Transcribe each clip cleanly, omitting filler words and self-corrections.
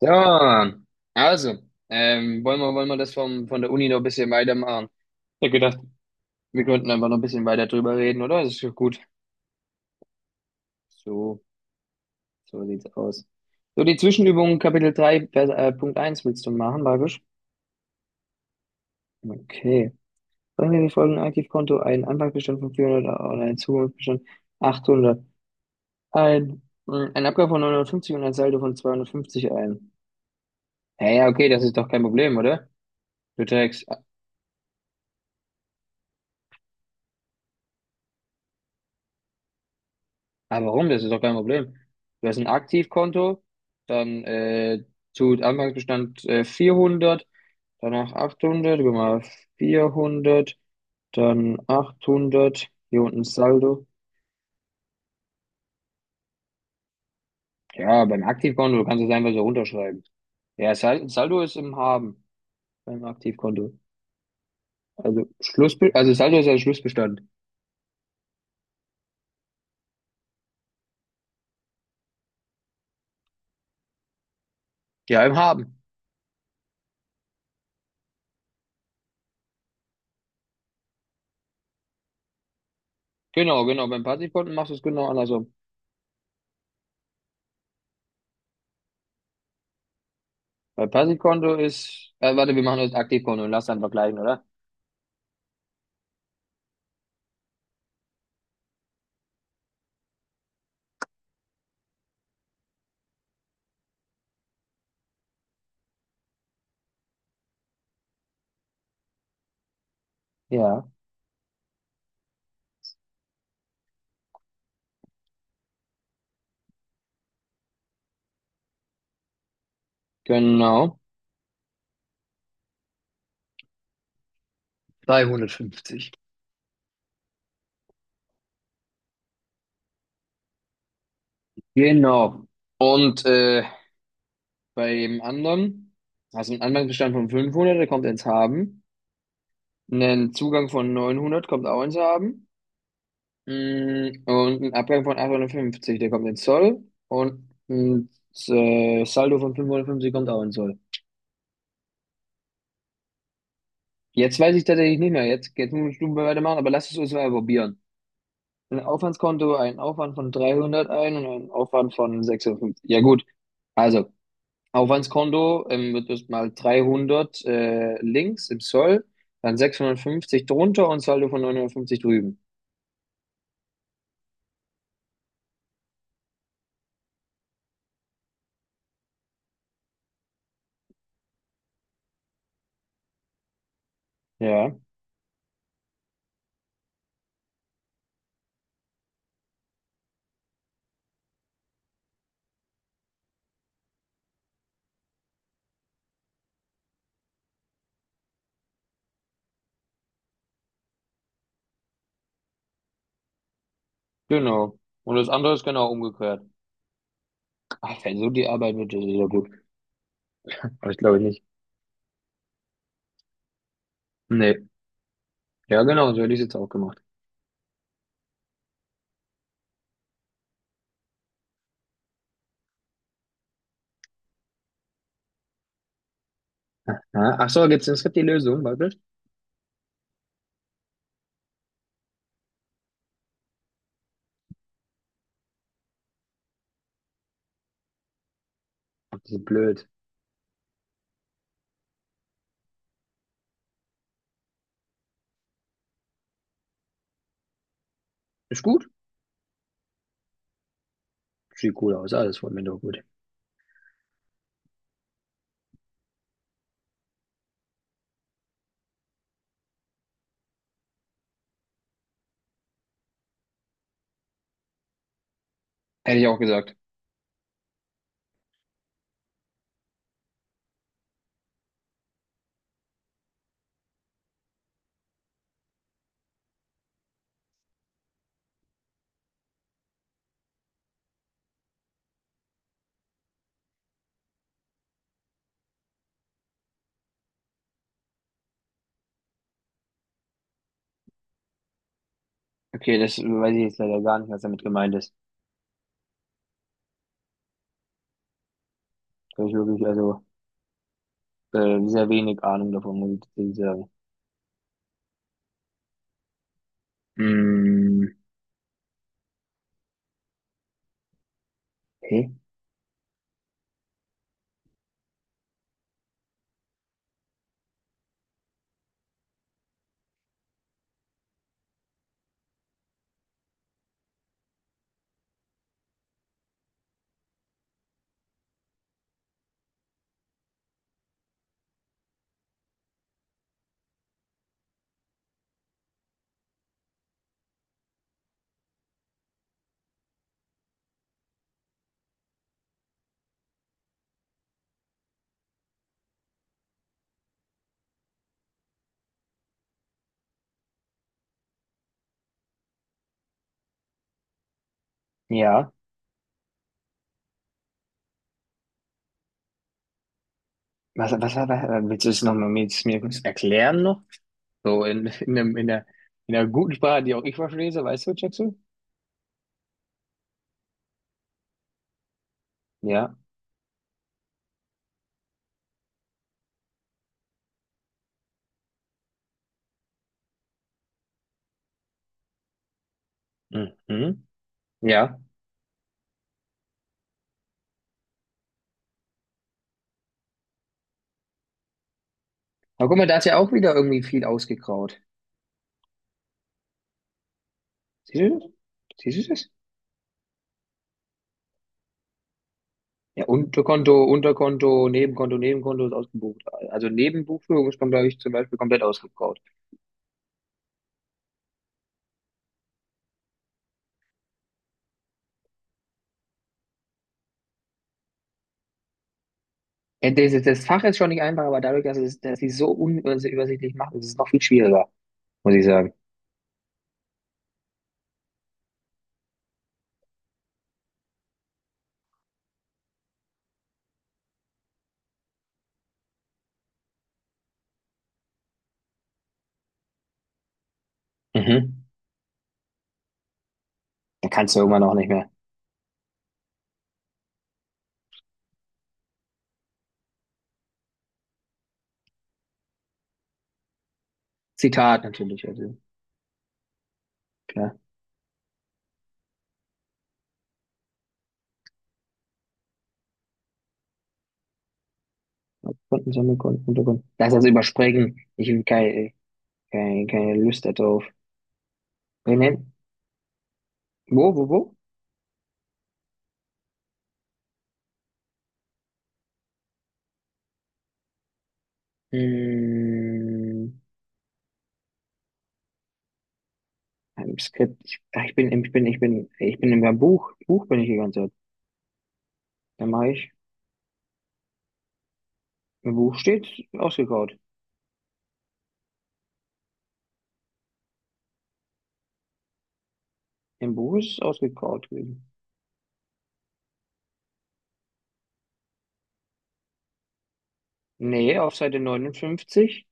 So, also, wollen wir das von der Uni noch ein bisschen weitermachen? Ich hab gedacht, wir könnten einfach noch ein bisschen weiter drüber reden, oder? Das ist ja gut. So, so sieht's aus. So, die Zwischenübung Kapitel 3 Vers, Punkt eins willst du machen, Barbisch? Okay. Bringen wir die folgenden Aktivkonto, ein Anfangsbestand von 400 und ein Zugangsbestand 800 ein, ein Abgabe von 950 und ein Saldo von 250 ein. Ja, ja, okay, das ist doch kein Problem, oder? Du trägst. Aber warum? Das ist doch kein Problem. Du hast ein Aktivkonto, dann zu Anfangsbestand 400, danach 800, guck mal 400, dann 800 hier unten Saldo. Ja, beim Aktivkonto kannst du es einfach so runterschreiben. Ja, Saldo ist im Haben beim Aktivkonto. Also Schluss, also Saldo ist ja Schlussbestand. Ja, im Haben. Genau, genau. Beim Passivkonto machst du es genau andersrum. Bei Passivkonto ist, warte, wir machen das Aktivkonto und lass dann vergleichen, oder? Ja, genau. 350. Genau. Und bei dem anderen hast du einen Anfangsbestand von 500, der kommt ins Haben. Einen Zugang von 900 kommt auch ins Haben. Und einen Abgang von 850, der kommt ins Soll. Und ein Saldo von 550 kommt auch ins Soll. Jetzt weiß ich tatsächlich nicht mehr. Jetzt muss ich du weitermachen, aber lass es uns mal probieren. Ein Aufwandskonto, einen Aufwand von 300 ein und einen Aufwand von 650. Ja gut, also Aufwandskonto wird das mal 300 links im Soll, dann 650 drunter und Saldo von 950 drüben. Ja, genau. Und das andere ist genau umgekehrt. Ach, wenn so die Arbeit wird, das ist ja gut. Aber ich glaube nicht. Nee. Ja, genau, so hätte ich es jetzt auch gemacht. Ja, ach so, gibt's im Skript die Lösung, wirklich? Ach, das ist blöd. Ist gut? Sieht cool aus, alles von mir doch gut. Hätte ich auch gesagt. Okay, das weiß ich jetzt leider gar nicht, was damit gemeint ist. Da hab ich wirklich, also, sehr wenig Ahnung davon, muss ich sehr. Mm, okay. Ja. Willst du es nochmal mir kurz erklären noch? So in der guten Sprache, die auch ich verstehe, so, weißt du, Jackson? Ja. Mhm. Ja. Aber guck mal, da ist ja auch wieder irgendwie viel ausgekraut. Siehst du das? Siehst du das? Ja, Unterkonto, Unterkonto, Nebenkonto, Nebenkonto ist ausgebucht. Also Nebenbuchführung ist, glaube ich, zum Beispiel komplett ausgegraut. Das Fach ist schon nicht einfach, aber dadurch, dass es, dass sie es so unübersichtlich machen, ist es noch viel schwieriger, muss ich sagen. Mhm. Da kannst du ja irgendwann auch nicht mehr. Zitat natürlich, also klar. Kunden sammeln, Kunden, Kunden, Kunden. Lass das überspringen. Ich will keine, Lust darauf. Brennen. Wo, wo, wo? Hm, im Skript. Ich bin im Buch. Buch bin ich die ganze Zeit. Dann mache ich. Im Buch steht ausgekaut. Im Buch ist es ausgekaut gewesen. Nee, auf Seite 59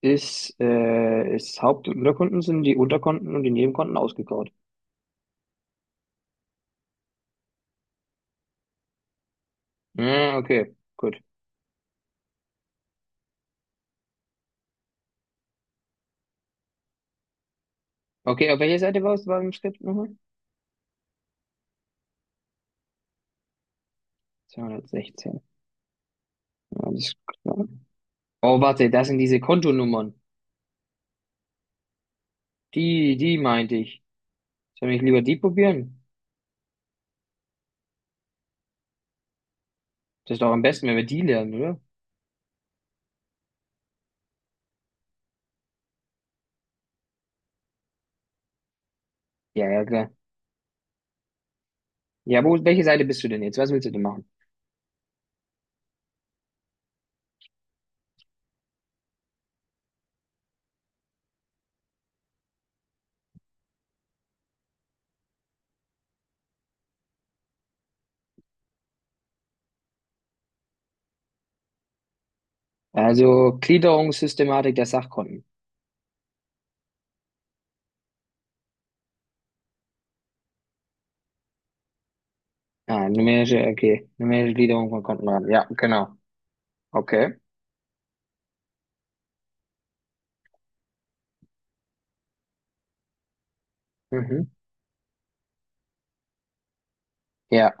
ist Haupt- und Unterkonten sind die Unterkonten und die Nebenkonten ausgekaut. Hm, okay, gut. Okay, auf welcher Seite warst du beim Skript nochmal? 216. Alles klar. Oh, warte, das sind diese Kontonummern. Die meinte ich. Soll ich lieber die probieren? Das ist doch am besten, wenn wir die lernen, oder? Ja, ja, klar. Ja, welche Seite bist du denn jetzt? Was willst du denn machen? Also, Gliederungssystematik der Sachkonten. Ah, numerische, okay. Numerische Gliederung von Kontenraten. Ja, genau. Okay. Mhm. Ja,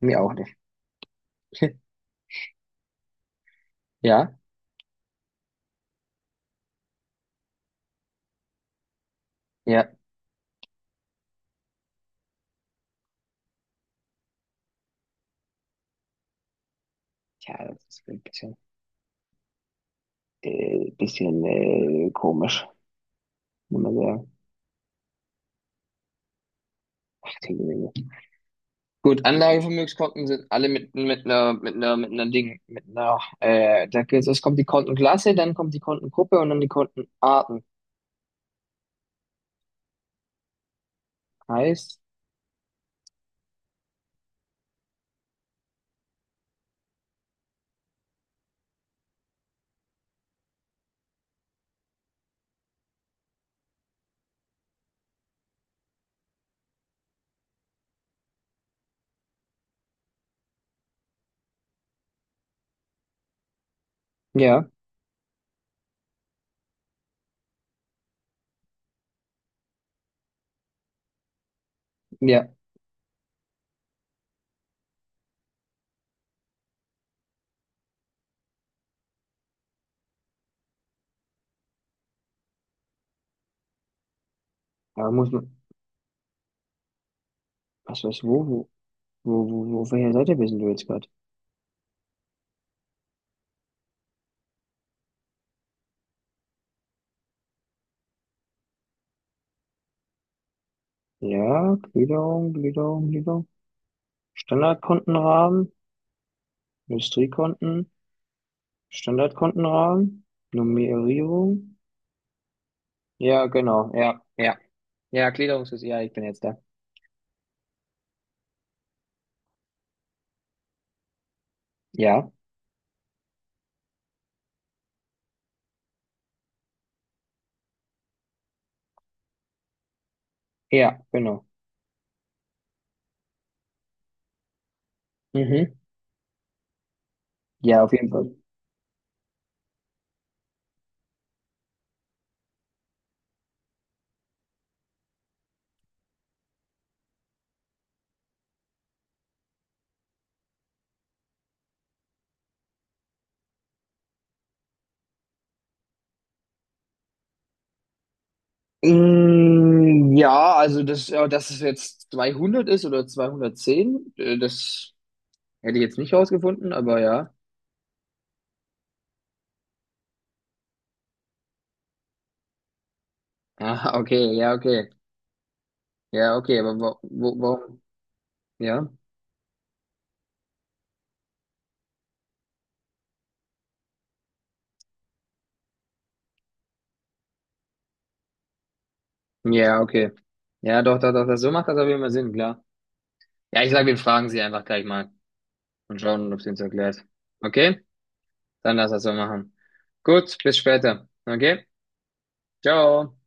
mir auch nicht. Ja, ja. Tja, das ist ein bisschen komisch, muss man sagen. Ach, die Güte. Gut, Anlagevermögenskonten sind alle mit einer, mit einer, mit einer Ding, mit einer, da geht's, es kommt die Kontenklasse, dann kommt die Kontengruppe und dann die Kontenarten. Heißt, ja, ja, da muss man, was weiß, auf welcher Seite bist du jetzt gerade? Ja, Gliederung, Gliederung, Gliederung. Standardkontenrahmen, Industriekonten, Standardkontenrahmen, Nummerierung. Ja, genau, ja, ja, ja, ja, ich bin jetzt da. Ja, ja, genau. Mhm. Ja, auf jeden Fall. Mm, ja, also das, ja, dass es jetzt 200 ist oder 210, das hätte ich jetzt nicht rausgefunden, aber ja. Ah, okay, ja, okay. Ja, okay, aber warum? Ja? Ja, okay. Ja, doch, doch, doch, das, so macht das auf jeden Fall Sinn, klar. Ja, ich sage, wir fragen sie einfach gleich mal und schauen, ob sie uns erklärt. Okay? Dann lass das so machen. Gut, bis später. Okay? Ciao.